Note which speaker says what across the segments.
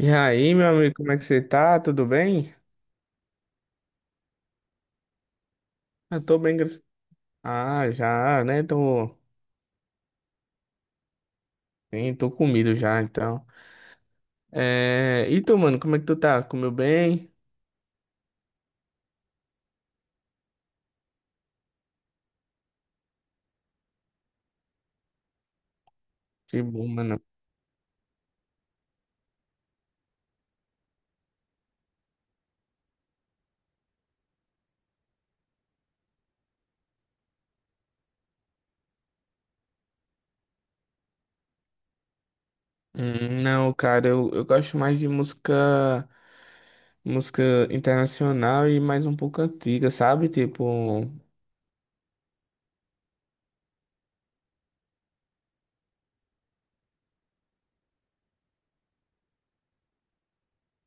Speaker 1: E aí, meu amigo, como é que você tá? Tudo bem? Eu tô bem. Ah, já, né? Tô, sim, tô comido já, então. É... E tu, mano, como é que tu tá? Comeu bem? Que bom, mano. Não, cara, eu gosto mais de música, música internacional e mais um pouco antiga, sabe? Tipo,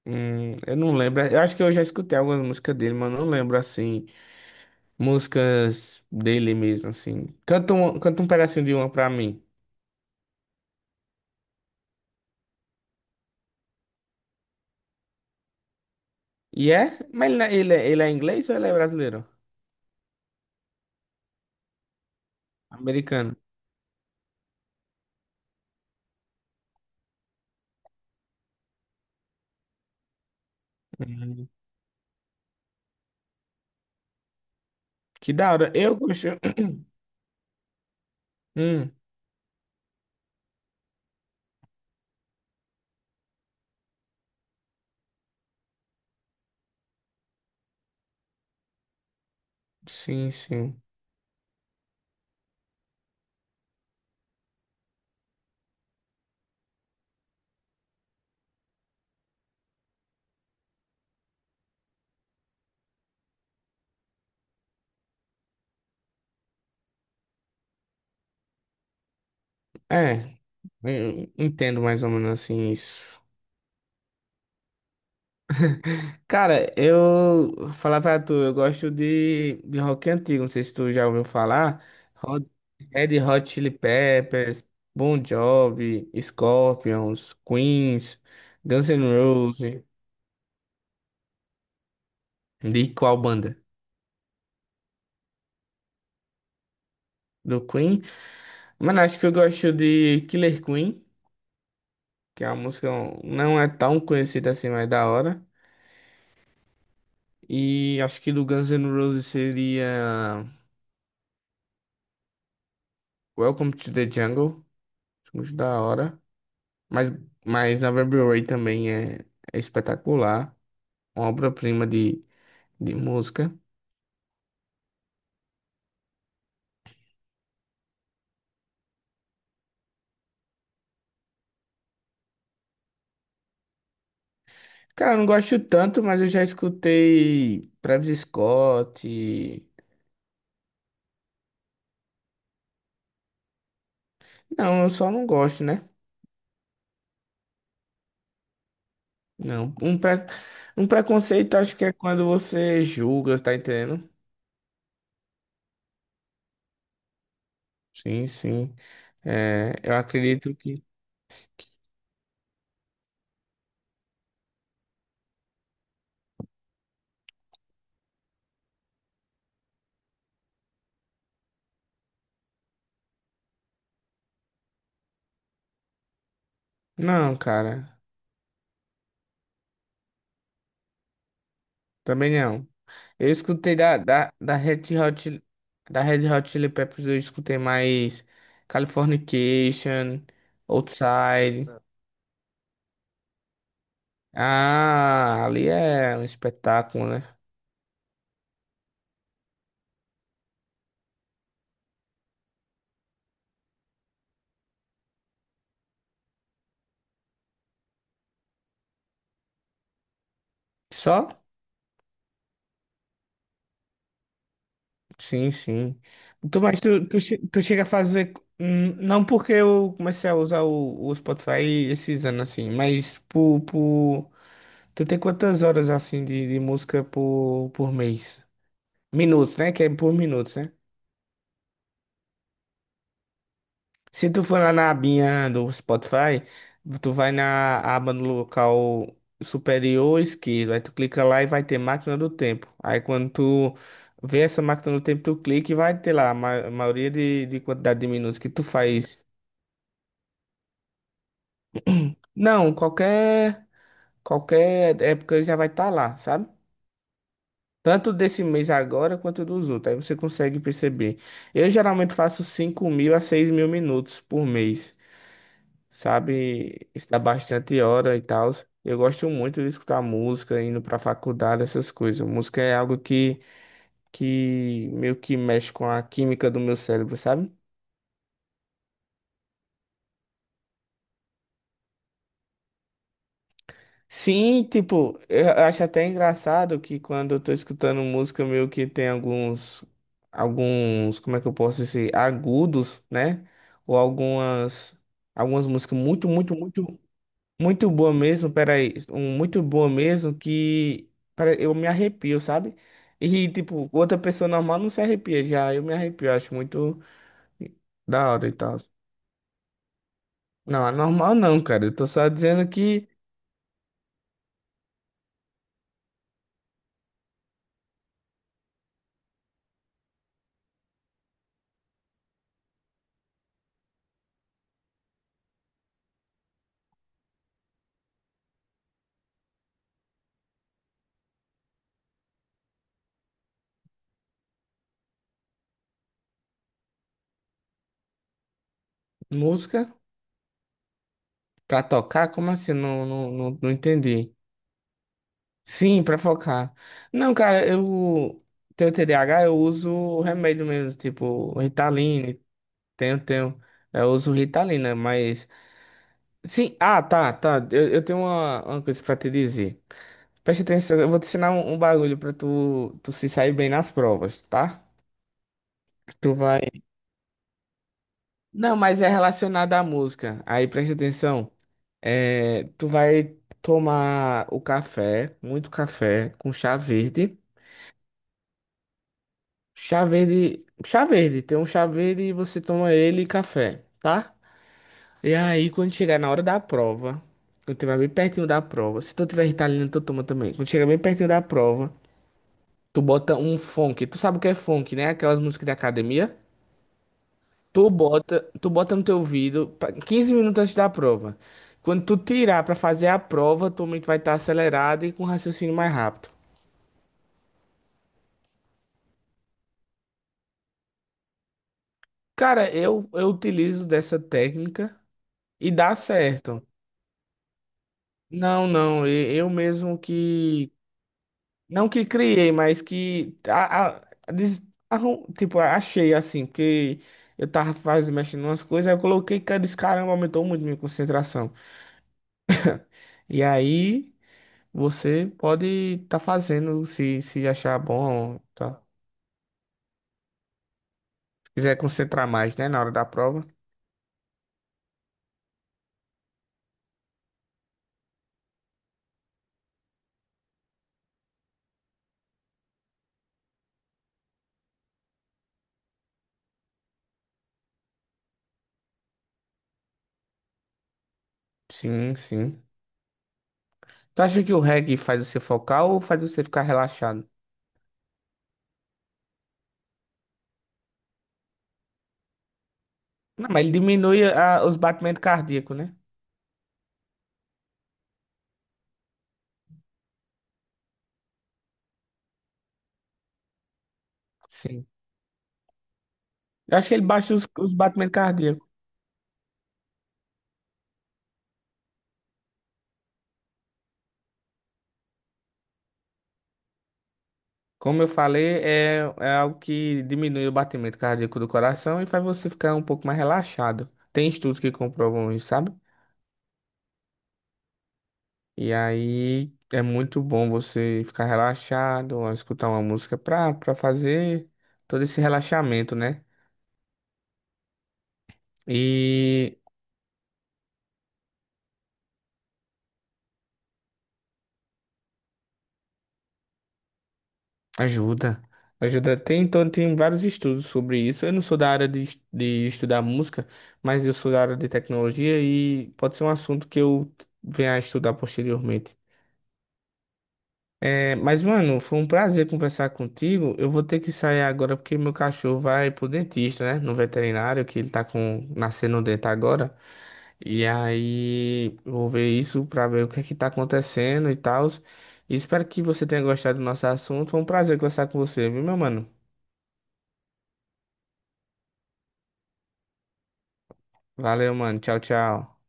Speaker 1: eu não lembro. Eu acho que eu já escutei algumas músicas dele, mas eu não lembro, assim, músicas dele mesmo, assim. Canta um pedacinho de uma pra mim. E é? Mas ele é inglês ou ele é brasileiro? Americano. Hum, Que da hora. Eu gosto. Hum, sim, sim. É, eu entendo mais ou menos assim isso. Cara, eu vou falar pra tu, eu gosto de rock antigo, não sei se tu já ouviu falar. Hot- Red Hot Chili Peppers, Bon Jovi, Scorpions, Queens, Guns N' Roses. De qual banda? Do Queen? Mano, acho que eu gosto de Killer Queen, que é uma música não é tão conhecida assim, mas é da hora. E acho que do Guns N' Roses seria Welcome to the Jungle, acho muito da hora. Mas, mas November Rain também é, é espetacular, uma obra-prima de música. Cara, eu não gosto tanto, mas eu já escutei Travis Scott. Não, eu só não gosto, né? Não, um, pre... Um preconceito acho que é quando você julga, tá entendendo? Sim, sim. É, eu acredito que não, cara. Também não. Eu escutei da da Red Hot Chili Peppers, eu escutei mais Californication, Outside. Ah, ali é um espetáculo, né? Só? Sim, sim. Tu, mas tu chega a fazer. Hum, não porque eu comecei a usar o Spotify esses anos assim, mas por, por. Tu tem quantas horas assim de música por mês? Minutos, né? Que é por minutos, né? Se tu for lá na abinha do Spotify, tu vai na aba no local superior esquerdo. Aí tu clica lá e vai ter máquina do tempo. Aí quando tu vê essa máquina do tempo, tu clica e vai ter lá a a maioria de quantidade de minutos que tu faz. Não, qualquer época já vai estar lá, sabe? Tanto desse mês agora quanto dos outros. Aí você consegue perceber. Eu geralmente faço 5.000 a 6.000 minutos por mês. Sabe? Estudar bastante hora e tal. Eu gosto muito de escutar música, indo pra faculdade, essas coisas. Música é algo que meio que mexe com a química do meu cérebro, sabe? Sim, tipo, eu acho até engraçado que quando eu tô escutando música, meio que tem alguns, alguns, como é que eu posso dizer, agudos, né? Ou algumas, algumas músicas muito, muito, muito muito boa mesmo, peraí. Muito boa mesmo que eu me arrepio, sabe? E, tipo, outra pessoa normal não se arrepia já. Eu me arrepio, acho muito da hora e tal. Não, é normal não, cara. Eu tô só dizendo que música pra tocar, como assim? Eu não, não entendi. Sim, pra focar. Não, cara, eu tenho TDAH, eu uso o remédio mesmo, tipo, Ritalina. Tenho, tenho. Eu uso Ritalina, mas. Sim, ah, tá, tá. Eu tenho uma coisa pra te dizer. Preste atenção, eu vou te ensinar um, um bagulho pra tu, tu se sair bem nas provas, tá? Tu vai. Não, mas é relacionado à música. Aí preste atenção. É, tu vai tomar o café, muito café, com chá verde. Chá verde. Chá verde, tem um chá verde e você toma ele e café, tá? E aí, quando chegar na hora da prova, quando tiver bem pertinho da prova, se tu tiver Ritalina, tu toma também. Quando chegar bem pertinho da prova. Tu bota um funk. Tu sabe o que é funk, né? Aquelas músicas de academia. Tu bota no teu ouvido 15 minutos antes da prova. Quando tu tirar pra fazer a prova, tua mente vai estar acelerada e com raciocínio mais rápido. Cara, eu utilizo dessa técnica e dá certo. Não, não, e- eu mesmo que. Não que criei, mas que. Tipo, achei assim, porque eu tava fazendo, mexendo umas coisas, aí eu coloquei, cara, esse caramba aumentou muito minha concentração. E aí você pode estar fazendo se, se achar bom, tá? Se quiser concentrar mais, né, na hora da prova. Sim, sim. Tu acha que o reggae faz você focar ou faz você ficar relaxado? Não, mas ele diminui os batimentos cardíacos, né? Sim. Eu acho que ele baixa os batimentos cardíacos. Como eu falei, é, é algo que diminui o batimento cardíaco do coração e faz você ficar um pouco mais relaxado. Tem estudos que comprovam isso, sabe? E aí é muito bom você ficar relaxado, escutar uma música pra fazer todo esse relaxamento, né? E ajuda. Ajuda. Tem, então, tem vários estudos sobre isso. Eu não sou da área de, de estudar música, mas eu sou da área de tecnologia e pode ser um assunto que eu venha a estudar posteriormente. É, mas, mano, foi um prazer conversar contigo. Eu vou ter que sair agora porque meu cachorro vai pro dentista, né? No veterinário, que ele tá com nascendo um dente agora. E aí, vou ver isso pra ver o que é que tá acontecendo e tal. E espero que você tenha gostado do nosso assunto. Foi um prazer conversar com você, viu, meu mano? Valeu, mano. Tchau, tchau.